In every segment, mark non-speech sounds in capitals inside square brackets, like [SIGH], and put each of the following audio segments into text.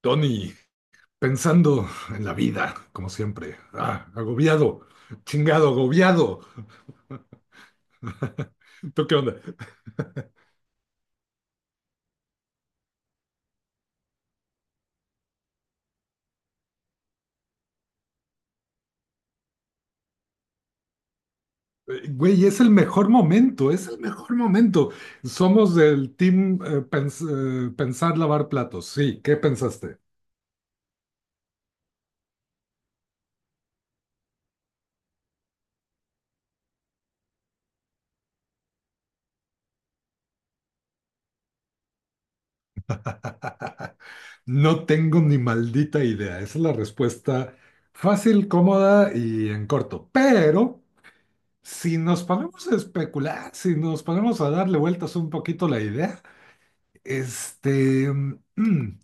Tony, pensando en la vida, como siempre. Agobiado, chingado, agobiado. [LAUGHS] ¿Tú qué onda? Güey, es el mejor momento, es el mejor momento. Somos del team pensar lavar platos. Sí, ¿qué pensaste? [LAUGHS] No tengo ni maldita idea. Esa es la respuesta fácil, cómoda y en corto. Pero si nos ponemos a especular, si nos ponemos a darle vueltas un poquito la idea. Este, mm,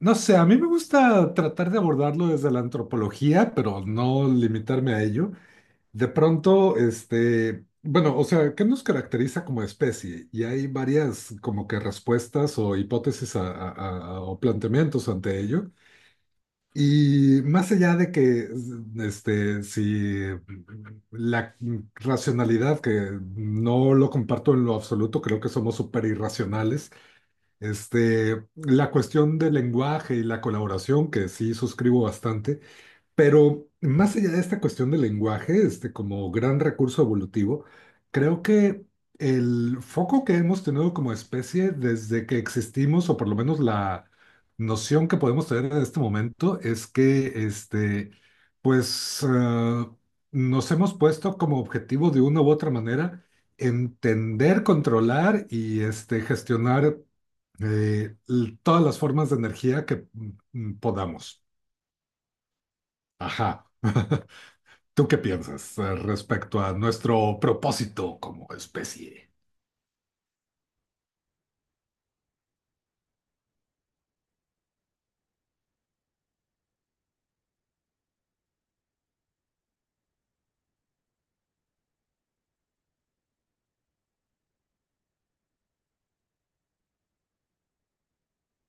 no sé, a mí me gusta tratar de abordarlo desde la antropología, pero no limitarme a ello. De pronto, bueno, o sea, ¿qué nos caracteriza como especie? Y hay varias como que respuestas o hipótesis o planteamientos ante ello. Y más allá de que, si la racionalidad, que no lo comparto en lo absoluto, creo que somos súper irracionales, la cuestión del lenguaje y la colaboración, que sí suscribo bastante, pero más allá de esta cuestión del lenguaje, como gran recurso evolutivo, creo que el foco que hemos tenido como especie desde que existimos, o por lo menos la noción que podemos tener en este momento, es que pues eh, nos hemos puesto como objetivo de una u otra manera entender, controlar y gestionar todas las formas de energía que podamos. Ajá. [LAUGHS] ¿Tú qué piensas respecto a nuestro propósito como especie?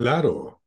Claro.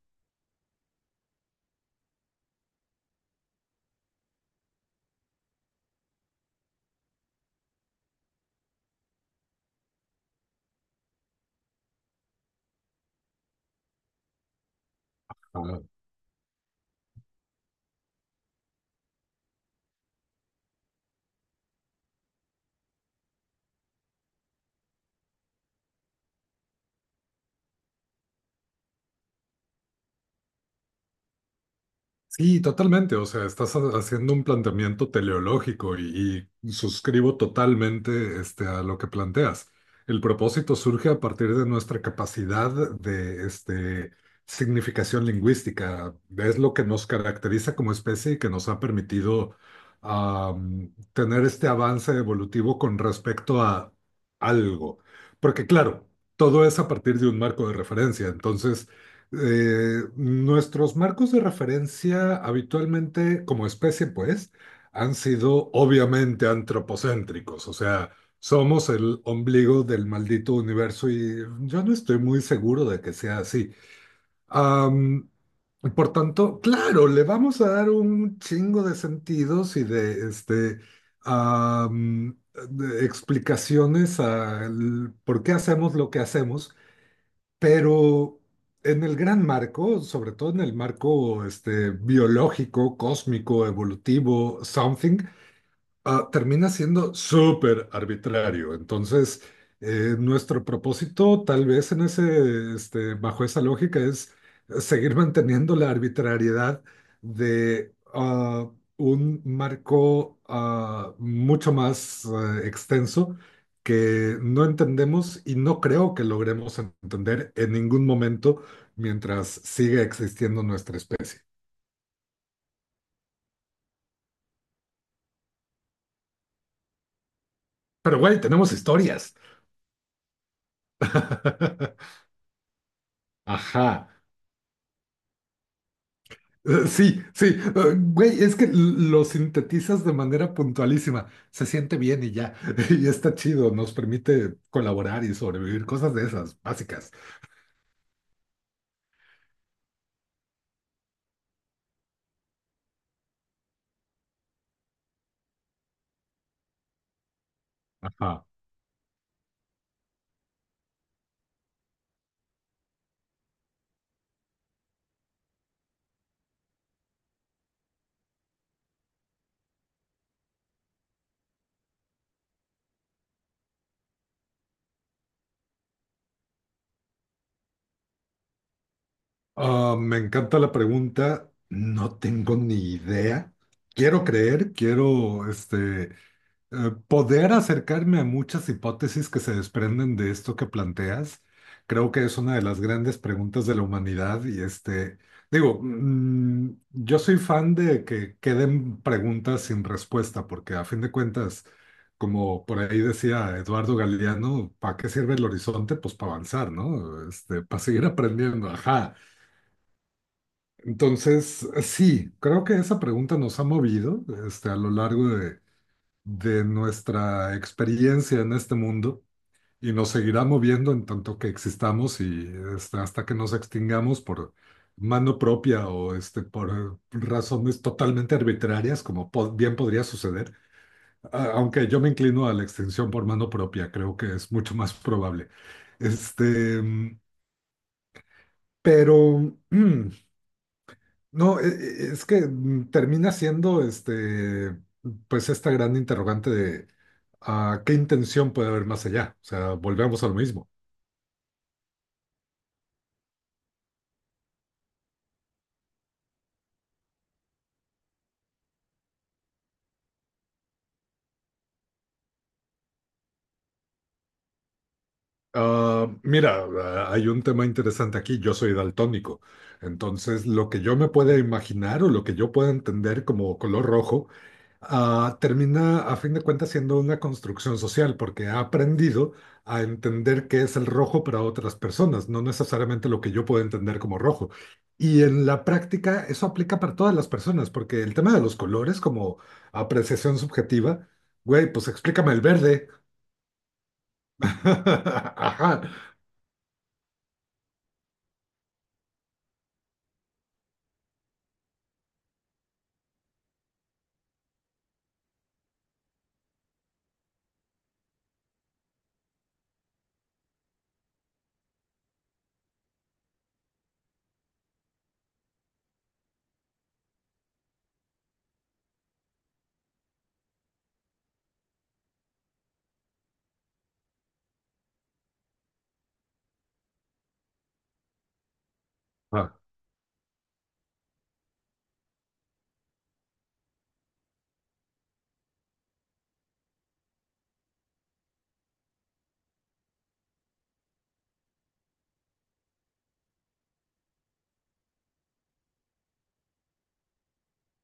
Sí, totalmente. O sea, estás haciendo un planteamiento teleológico y suscribo totalmente a lo que planteas. El propósito surge a partir de nuestra capacidad de significación lingüística. Es lo que nos caracteriza como especie y que nos ha permitido, tener este avance evolutivo con respecto a algo. Porque claro, todo es a partir de un marco de referencia. Entonces... nuestros marcos de referencia habitualmente, como especie, pues, han sido obviamente antropocéntricos, o sea, somos el ombligo del maldito universo y yo no estoy muy seguro de que sea así. Am, por tanto, claro, le vamos a dar un chingo de sentidos y de, am, de explicaciones al por qué hacemos lo que hacemos. Pero en el gran marco, sobre todo en el marco biológico, cósmico, evolutivo, something, termina siendo súper arbitrario. Entonces, nuestro propósito, tal vez en bajo esa lógica, es seguir manteniendo la arbitrariedad de un marco mucho más extenso que no entendemos y no creo que logremos entender en ningún momento mientras siga existiendo nuestra especie. Pero, güey, tenemos historias. [LAUGHS] Ajá. Sí, sí, güey, es que lo sintetizas de manera puntualísima, se siente bien y ya, [LAUGHS] y está chido, nos permite colaborar y sobrevivir, cosas de esas, básicas. Ajá. Me encanta la pregunta, no tengo ni idea, quiero creer, quiero, poder acercarme a muchas hipótesis que se desprenden de esto que planteas, creo que es una de las grandes preguntas de la humanidad y digo, yo soy fan de que queden preguntas sin respuesta, porque a fin de cuentas, como por ahí decía Eduardo Galeano, ¿para qué sirve el horizonte? Pues para avanzar, ¿no? Este, para seguir aprendiendo, ajá. Entonces, sí, creo que esa pregunta nos ha movido, a lo largo de nuestra experiencia en este mundo y nos seguirá moviendo en tanto que existamos y hasta que nos extingamos por mano propia o por razones totalmente arbitrarias, como bien podría suceder. Aunque yo me inclino a la extinción por mano propia, creo que es mucho más probable. Este, mm, pero [CLEARS THROAT] mm, no, es que termina siendo pues esta gran interrogante de qué intención puede haber más allá. O sea, volvemos a lo mismo. Mira, hay un tema interesante aquí. Yo soy daltónico. Entonces, lo que yo me pueda imaginar o lo que yo pueda entender como color rojo termina a fin de cuentas siendo una construcción social porque ha aprendido a entender qué es el rojo para otras personas, no necesariamente lo que yo puedo entender como rojo. Y en la práctica eso aplica para todas las personas porque el tema de los colores como apreciación subjetiva, güey, pues explícame el verde. [LAUGHS] Ajá. Ah,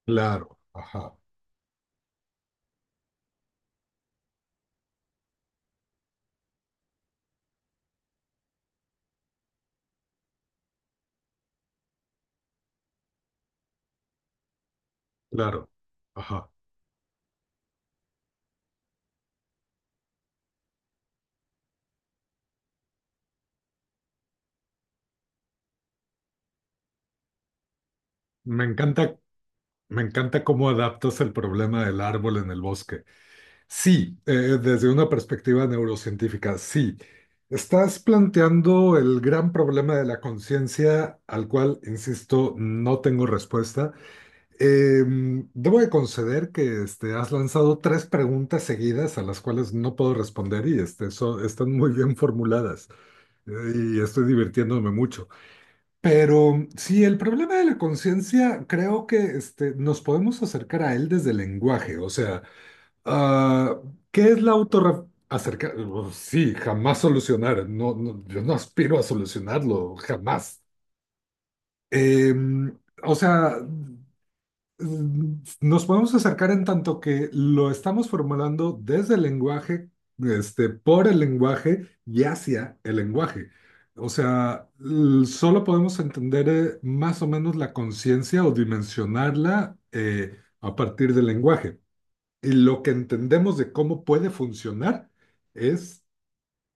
claro, ajá, claro, ajá. Me encanta, me encanta cómo adaptas el problema del árbol en el bosque. Sí, desde una perspectiva neurocientífica, sí. Estás planteando el gran problema de la conciencia, al cual, insisto, no tengo respuesta. Debo de conceder que has lanzado tres preguntas seguidas a las cuales no puedo responder y están muy bien formuladas y estoy divirtiéndome mucho. Pero sí, el problema de la conciencia, creo que nos podemos acercar a él desde el lenguaje, o sea... Ah, ¿qué es la autorreflexión? Acerca, sí, jamás solucionar. No, no, yo no aspiro a solucionarlo, jamás. Em, o sea, nos podemos acercar en tanto que lo estamos formulando desde el lenguaje, por el lenguaje y hacia el lenguaje. O sea, solo podemos entender más o menos la conciencia o dimensionarla a partir del lenguaje. Y lo que entendemos de cómo puede funcionar es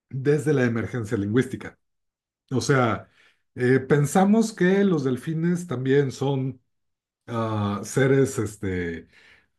desde la emergencia lingüística. O sea, pensamos que los delfines también son seres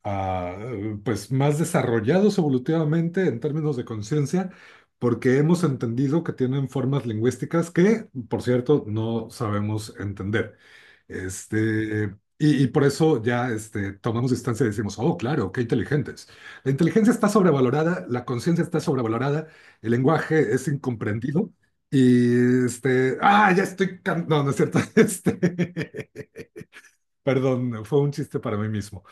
ah, pues más desarrollados evolutivamente en términos de conciencia, porque hemos entendido que tienen formas lingüísticas que, por cierto, no sabemos entender. Y por eso ya tomamos distancia y decimos, oh, claro, qué inteligentes. La inteligencia está sobrevalorada, la conciencia está sobrevalorada, el lenguaje es incomprendido. Y ya estoy, no, no es cierto, [LAUGHS] perdón, fue un chiste para mí mismo.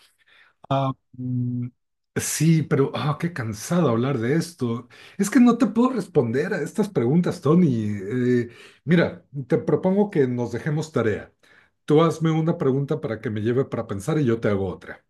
Ah, mm, sí, pero qué cansado hablar de esto. Es que no te puedo responder a estas preguntas, Tony. Mira, te propongo que nos dejemos tarea. Tú hazme una pregunta para que me lleve para pensar y yo te hago otra.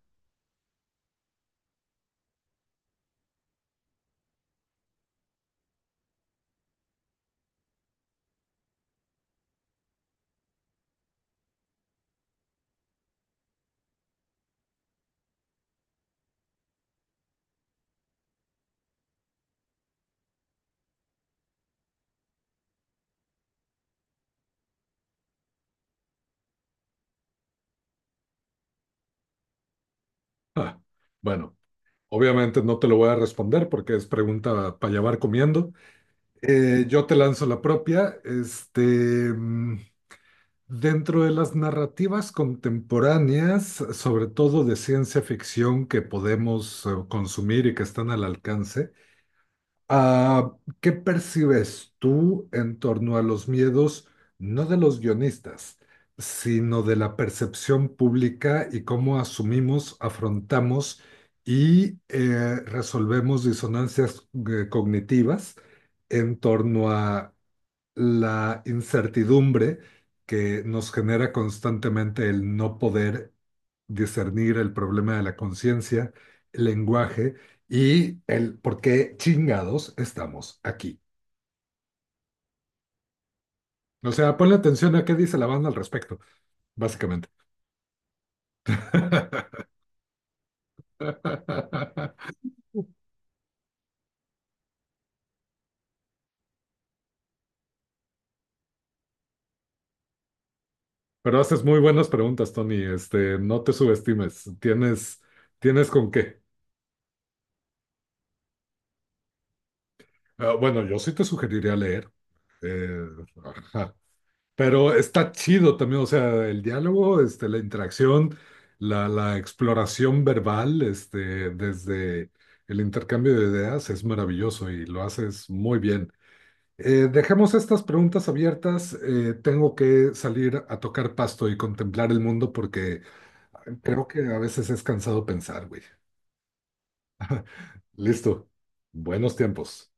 Ah, bueno, obviamente no te lo voy a responder porque es pregunta para llevar comiendo. Yo te lanzo la propia. Mm, Dentro de las narrativas contemporáneas, sobre todo de ciencia ficción que podemos consumir y que están al alcance, ah, ¿qué percibes tú en torno a los miedos, no de los guionistas, sino de la percepción pública y cómo asumimos, afrontamos y resolvemos disonancias cognitivas en torno a la incertidumbre que nos genera constantemente el no poder discernir el problema de la conciencia, el lenguaje y el por qué chingados estamos aquí. O sea, ponle atención a qué dice la banda al respecto, básicamente. [LAUGHS] Pero haces muy buenas preguntas, Tony. No te subestimes. Tienes, tienes con qué. Bueno, yo sí te sugeriría leer. Eh, ajá. Pero está chido también, o sea, el diálogo, la interacción, la exploración verbal, desde el intercambio de ideas es maravilloso y lo haces muy bien. Dejemos estas preguntas abiertas. Tengo que salir a tocar pasto y contemplar el mundo porque creo que a veces es cansado pensar, güey. Listo. Buenos tiempos.